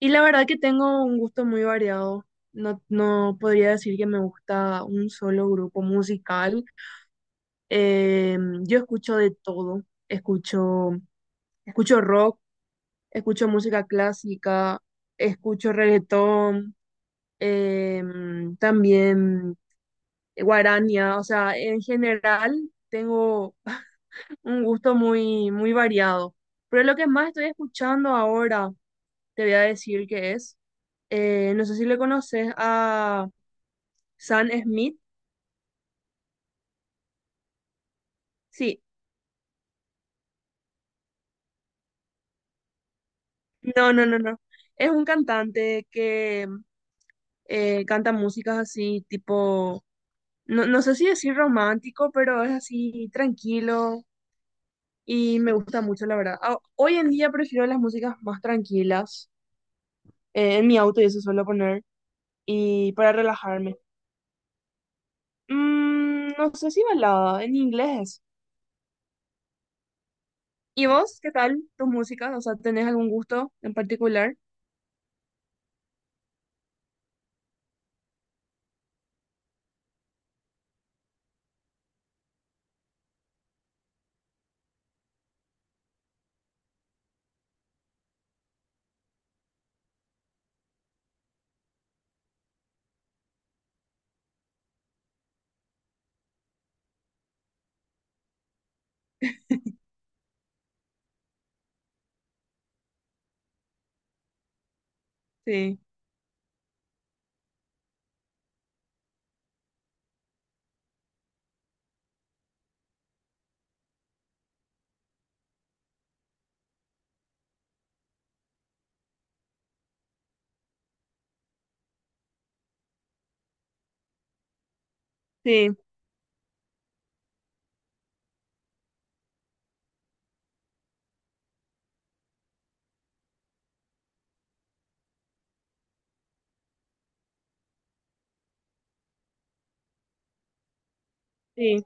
Y la verdad que tengo un gusto muy variado. No, no podría decir que me gusta un solo grupo musical. Eh, yo escucho de todo. Escucho, escucho rock, escucho música clásica, escucho reggaetón, eh, también guaraña, o sea, en general tengo un gusto muy, muy variado. Pero lo que más estoy escuchando ahora, te voy a decir que es, no sé si le conoces a Sam Smith. Sí, no, no, no, no. Es un cantante que canta músicas así, tipo, no, no sé si decir romántico, pero es así tranquilo y me gusta mucho, la verdad. Ah, hoy en día prefiero las músicas más tranquilas en mi auto y eso suelo poner, y para relajarme. Mm, no sé si balada, en inglés es. ¿Y vos, qué tal tus músicas? O sea, ¿tenés algún gusto en particular? Sí, sí, sí.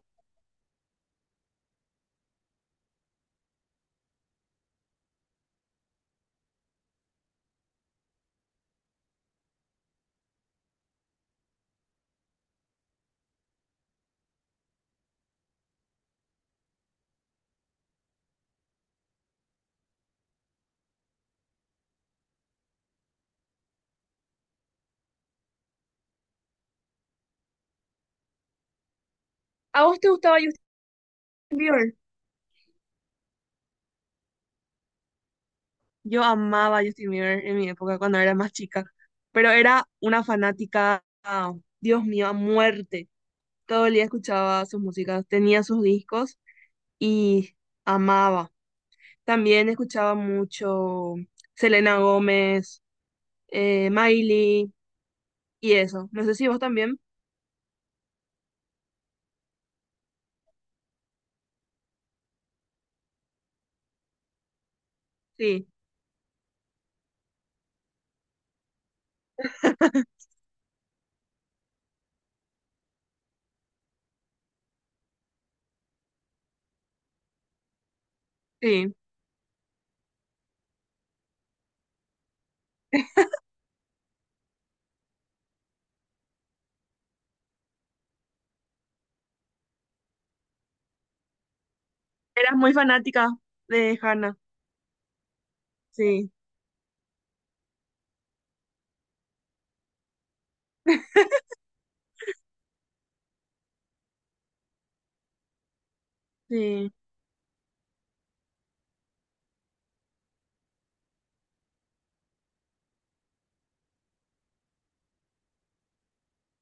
¿A vos te gustaba Justin Bieber? Yo amaba a Justin Bieber en mi época cuando era más chica, pero era una fanática, ah, Dios mío, a muerte. Todo el día escuchaba sus músicas, tenía sus discos y amaba. También escuchaba mucho Selena Gómez, Miley y eso. No sé si vos también. Sí, sí. Eras muy fanática de Hannah. Sí, sí,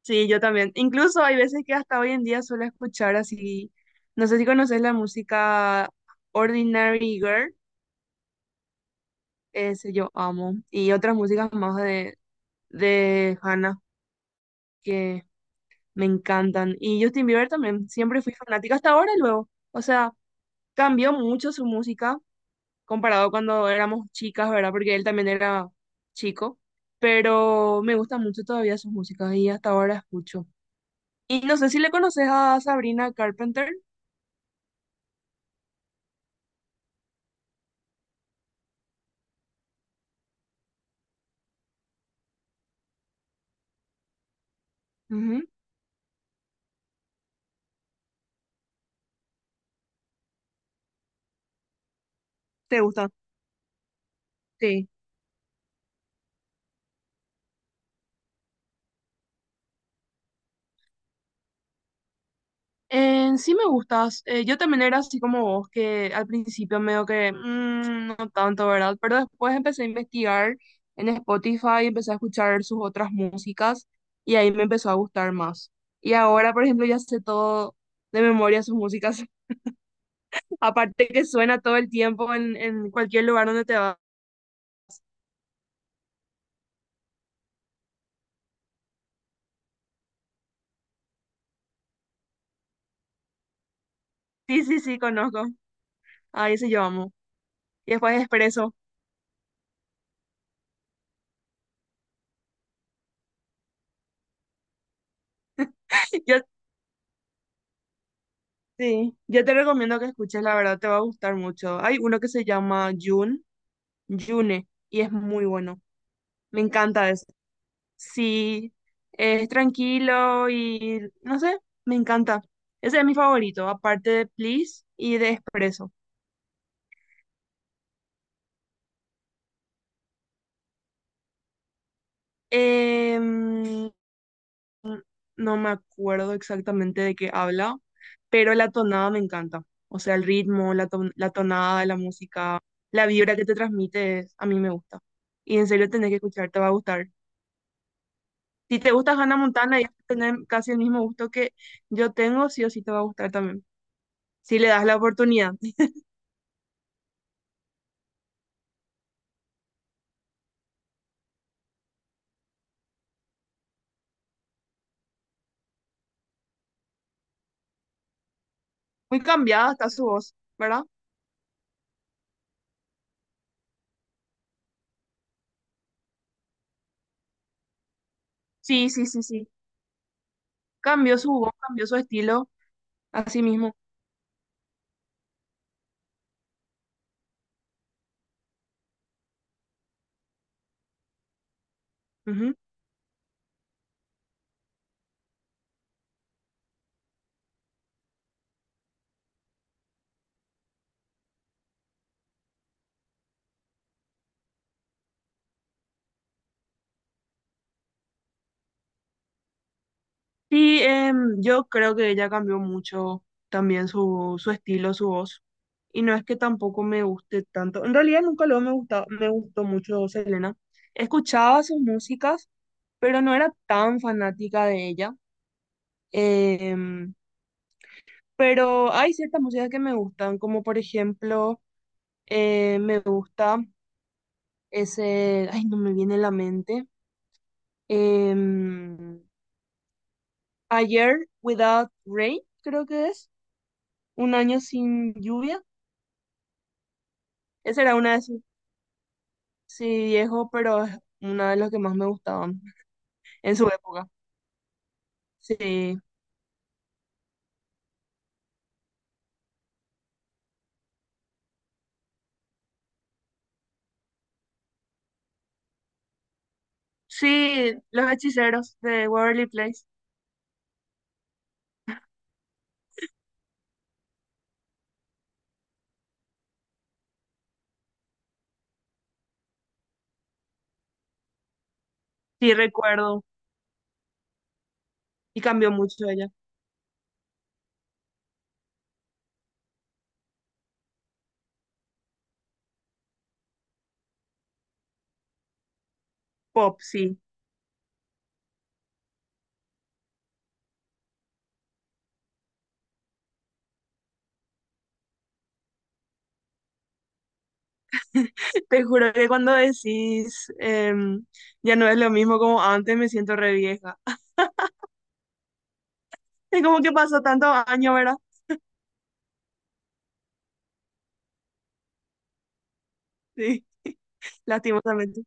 sí, yo también. Incluso hay veces que hasta hoy en día suelo escuchar así. No sé si conoces la música Ordinary Girl, ese yo amo. Y otras músicas más de Hannah que me encantan. Y Justin Bieber también, siempre fui fanática hasta ahora y luego. O sea, cambió mucho su música comparado cuando éramos chicas, ¿verdad? Porque él también era chico, pero me gustan mucho todavía sus músicas y hasta ahora escucho. Y no sé si le conoces a Sabrina Carpenter. Ujú, ¿te gusta? Sí. Sí me gustas. Yo también era así como vos, que al principio medio que no tanto, ¿verdad? Pero después empecé a investigar en Spotify, empecé a escuchar sus otras músicas y ahí me empezó a gustar más. Y ahora, por ejemplo, ya sé todo de memoria sus músicas. Aparte que suena todo el tiempo en cualquier lugar donde te vas. Sí, sí, sí, conozco. Ahí sí yo amo. Y después Expreso. Yo, sí, yo te recomiendo que escuches, la verdad te va a gustar mucho. Hay uno que se llama Jun, June, y es muy bueno. Me encanta eso. Sí, es tranquilo y no sé, me encanta. Ese es mi favorito, aparte de Please y de Expreso. Em, no me acuerdo exactamente de qué habla, pero la tonada me encanta. O sea, el ritmo, la, la tonada, la música, la vibra que te transmite, a mí me gusta. Y en serio tenés que escuchar, te va a gustar. Si te gusta Hannah Montana y tener casi el mismo gusto que yo tengo, sí o sí te va a gustar también. Si le das la oportunidad. Muy cambiada está su voz, ¿verdad? Sí, sí, sí, sí. Cambió su voz, cambió su estilo, así mismo. Ujú. Sí, yo creo que ella cambió mucho también su estilo, su voz. Y no es que tampoco me guste tanto. En realidad nunca lo me gustó mucho Selena. Escuchaba sus músicas, pero no era tan fanática de ella. Em, pero hay ciertas músicas que me gustan, como por ejemplo, me gusta ese, ay, no me viene a la mente. Em, Ayer Without Rain, creo que es. Un año sin lluvia. Esa era una de sus, sí, viejo, pero es una de las que más me gustaban en su época. Sí, sí, Los Hechiceros de Waverly Place, sí recuerdo y cambió mucho ella. Pop, sí. Te juro que cuando decís ya no es lo mismo como antes, me siento re vieja. Es como que pasó tantos años, ¿verdad? Sí, lastimosamente.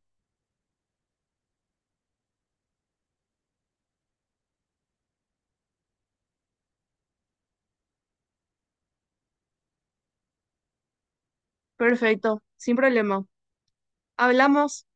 Perfecto, sin problema. Hablamos.